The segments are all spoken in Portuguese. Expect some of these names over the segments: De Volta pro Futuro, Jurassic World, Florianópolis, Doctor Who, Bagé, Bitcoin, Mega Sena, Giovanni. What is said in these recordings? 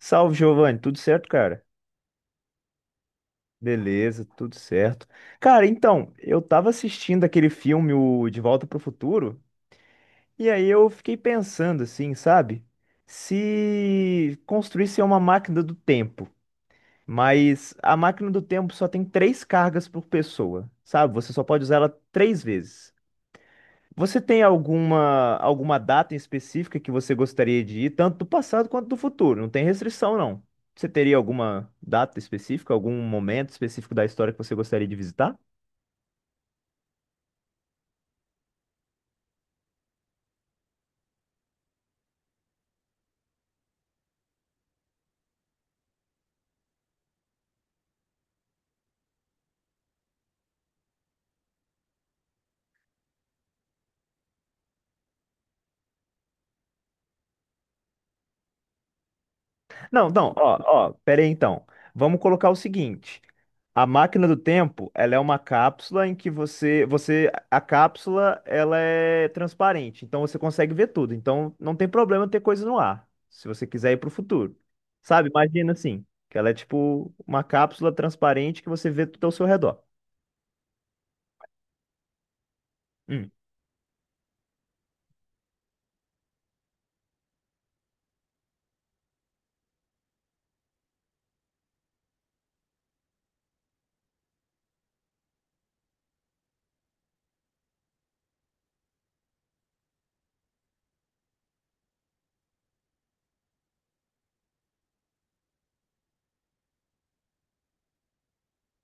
Salve, Giovanni, tudo certo, cara? Beleza, tudo certo. Cara, então, eu tava assistindo aquele filme, o De Volta pro Futuro, e aí eu fiquei pensando assim, sabe? Se construísse uma máquina do tempo, mas a máquina do tempo só tem três cargas por pessoa, sabe? Você só pode usar ela três vezes. Você tem alguma data em específica que você gostaria de ir, tanto do passado quanto do futuro? Não tem restrição, não. Você teria alguma data específica, algum momento específico da história que você gostaria de visitar? Não, não, ó, ó, pera aí então. Vamos colocar o seguinte. A máquina do tempo, ela é uma cápsula em que você, a cápsula, ela é transparente, então você consegue ver tudo. Então não tem problema ter coisa no ar, se você quiser ir para o futuro. Sabe? Imagina assim, que ela é tipo uma cápsula transparente que você vê tudo ao seu redor. Hum.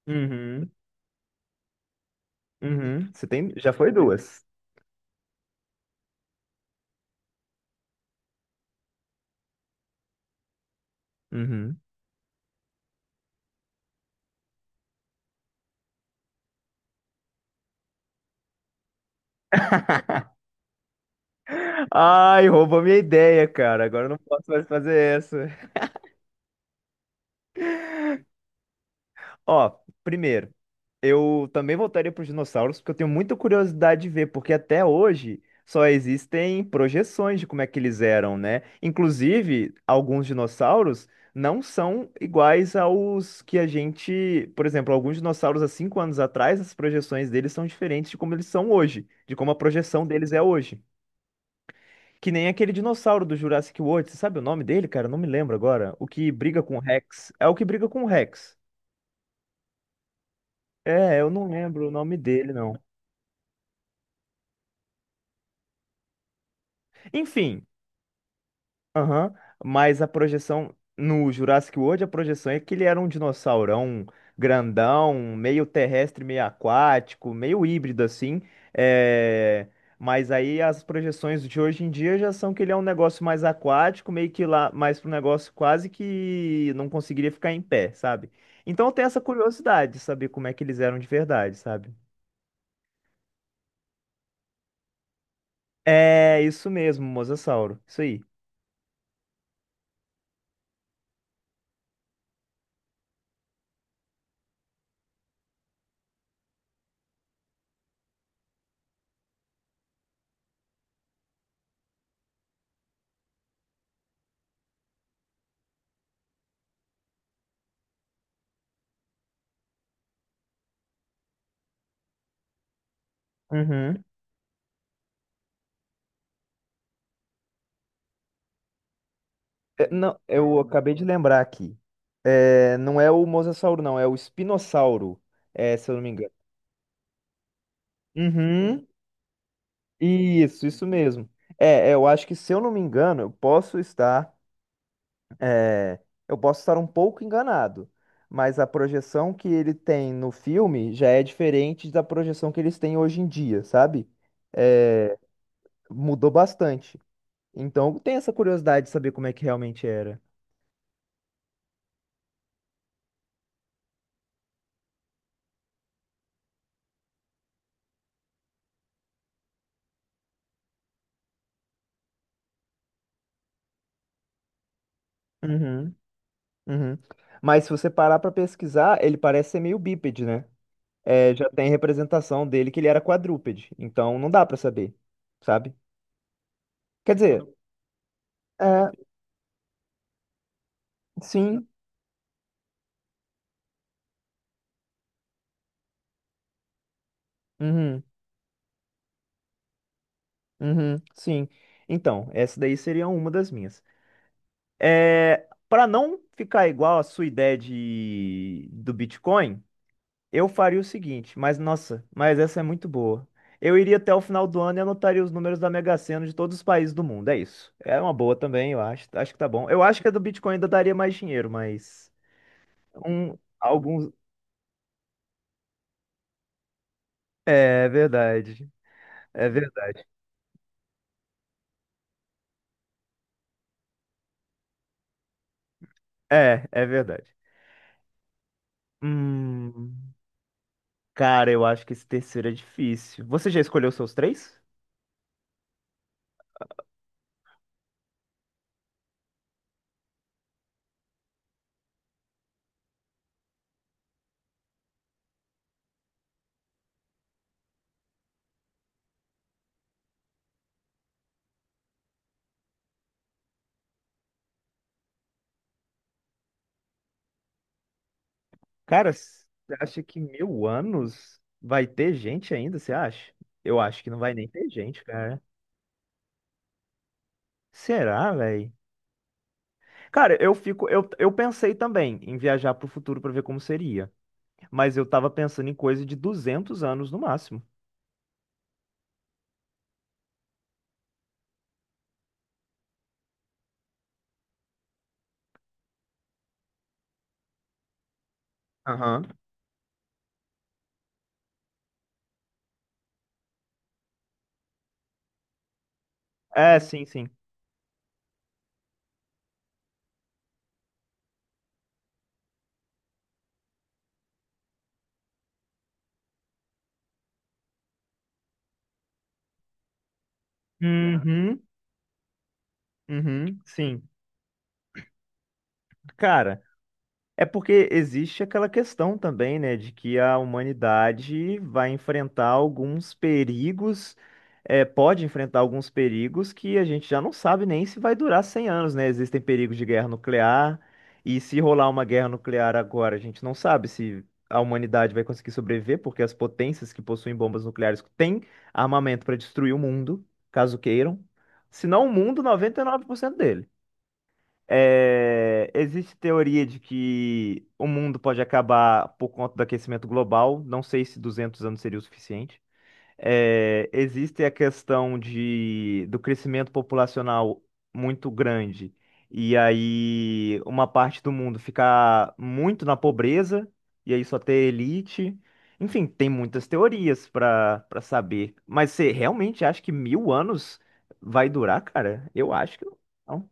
Uhum. Uhum. Você tem, já foi duas. Uhum. Ai, roubou minha ideia, cara. Agora eu não posso mais fazer essa. Ó, primeiro, eu também voltaria para os dinossauros, porque eu tenho muita curiosidade de ver, porque até hoje só existem projeções de como é que eles eram, né? Inclusive, alguns dinossauros não são iguais aos que a gente. Por exemplo, alguns dinossauros há 5 anos atrás, as projeções deles são diferentes de como eles são hoje, de como a projeção deles é hoje. Que nem aquele dinossauro do Jurassic World, você sabe o nome dele, cara? Eu não me lembro agora. O que briga com o Rex. É o que briga com o Rex. É, eu não lembro o nome dele, não. Enfim, aham, mas a projeção no Jurassic World, a projeção é que ele era um dinossaurão grandão, meio terrestre, meio aquático, meio híbrido assim. é, Mas aí as projeções de hoje em dia já são que ele é um negócio mais aquático, meio que lá, mais para um negócio quase que não conseguiria ficar em pé, sabe? Então eu tenho essa curiosidade de saber como é que eles eram de verdade, sabe? É isso mesmo, mosasauro. Isso aí. Uhum. É, não, eu acabei de lembrar aqui. É, não é o mosasauro, não, é o espinossauro, é, se eu não me engano. Uhum, isso mesmo. É, é, eu acho que se eu não me engano, é, eu posso estar um pouco enganado, mas a projeção que ele tem no filme já é diferente da projeção que eles têm hoje em dia, sabe? É, mudou bastante. Então, eu tenho essa curiosidade de saber como é que realmente era. Uhum. Uhum. Mas se você parar pra pesquisar, ele parece ser meio bípede, né? É, já tem representação dele que ele era quadrúpede, então não dá pra saber, sabe? Quer dizer, é, sim, uhum, uhum, sim. Então, essa daí seria uma das minhas. É, para não ficar igual a sua ideia do Bitcoin. Eu faria o seguinte, mas nossa, mas essa é muito boa. Eu iria até o final do ano e anotaria os números da Mega Sena de todos os países do mundo. É isso. É uma boa também, eu acho. Acho que tá bom. Eu acho que a do Bitcoin ainda daria mais dinheiro, mas um, alguns. É verdade. É verdade. É, é verdade. Hum, cara, eu acho que esse terceiro é difícil. Você já escolheu seus três? Cara, você acha que 1.000 anos vai ter gente ainda? Você acha? Eu acho que não vai nem ter gente, cara. Será, velho? Cara, eu fico, eu pensei também em viajar pro futuro pra ver como seria, mas eu tava pensando em coisa de 200 anos no máximo. Aham. É, sim, sim. Uhum, uhum. Sim. Cara, é porque existe aquela questão também, né, de que a humanidade vai enfrentar alguns perigos, pode enfrentar alguns perigos que a gente já não sabe nem se vai durar 100 anos, né? Existem perigos de guerra nuclear, e se rolar uma guerra nuclear agora, a gente não sabe se a humanidade vai conseguir sobreviver, porque as potências que possuem bombas nucleares têm armamento para destruir o mundo, caso queiram, se não o mundo, 99% dele. É, existe teoria de que o mundo pode acabar por conta do aquecimento global. Não sei se 200 anos seria o suficiente. É, existe a questão de, do crescimento populacional muito grande e aí uma parte do mundo ficar muito na pobreza e aí só ter elite. Enfim, tem muitas teorias para saber. Mas você realmente acha que 1.000 anos vai durar, cara? Eu acho que não.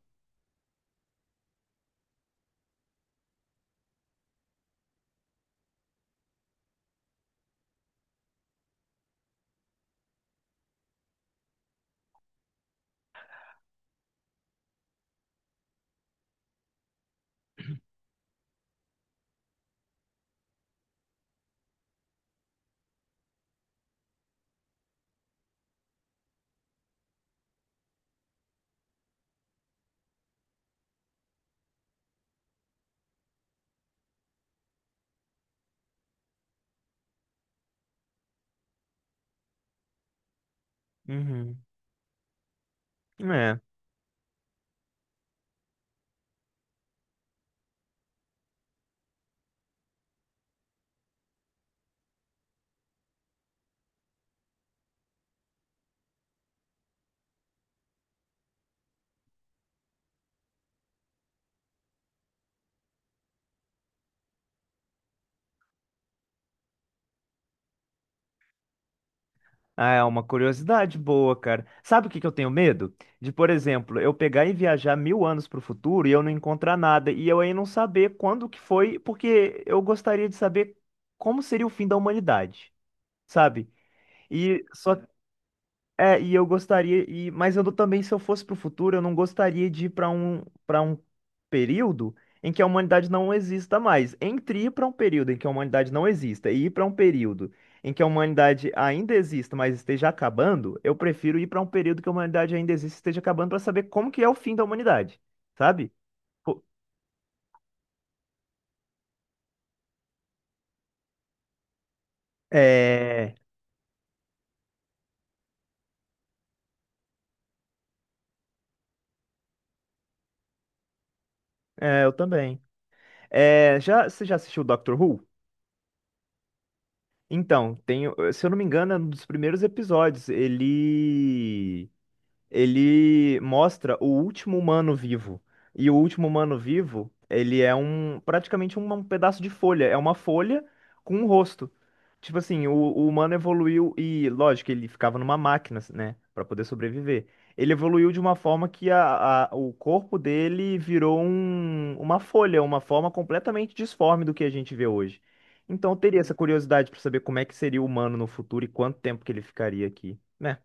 Uhum. Ah, é uma curiosidade boa, cara. Sabe o que que eu tenho medo? De, por exemplo, eu pegar e viajar 1.000 anos pro futuro e eu não encontrar nada, e eu aí não saber quando que foi, porque eu gostaria de saber como seria o fim da humanidade, sabe? E só, e eu gostaria, mas eu não- também, se eu fosse para o futuro, eu não gostaria de ir para um período em que a humanidade não exista mais. Entre ir para um período em que a humanidade não exista e ir para um período em que a humanidade ainda exista, mas esteja acabando, eu prefiro ir para um período que a humanidade ainda existe e esteja acabando para saber como que é o fim da humanidade, sabe? Pô, é, é, eu também. É, você já assistiu Doctor Who? Então, tem, se eu não me engano, é um dos primeiros episódios. Ele mostra o último humano vivo. E o último humano vivo, ele é um praticamente um pedaço de folha, é uma folha com um rosto. Tipo assim, o humano evoluiu e, lógico, ele ficava numa máquina, né, pra poder sobreviver. Ele evoluiu de uma forma que o corpo dele virou uma folha, uma forma completamente disforme do que a gente vê hoje. Então eu teria essa curiosidade pra saber como é que seria o humano no futuro e quanto tempo que ele ficaria aqui, né?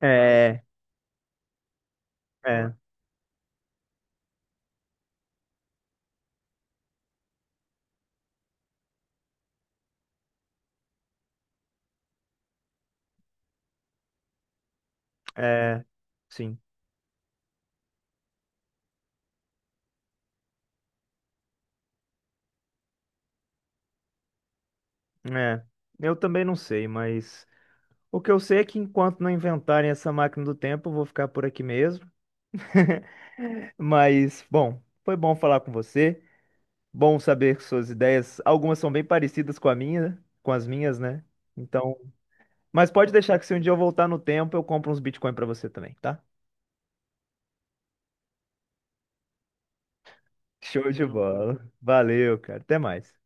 É, é. É, sim. É. Eu também não sei, mas o que eu sei é que enquanto não inventarem essa máquina do tempo, eu vou ficar por aqui mesmo. Mas, bom, foi bom falar com você. Bom saber suas ideias. Algumas são bem parecidas com a minha, né? Com as minhas, né? Então, mas pode deixar que se um dia eu voltar no tempo, eu compro uns Bitcoin pra você também, tá? Show de bola. Valeu, cara. Até mais.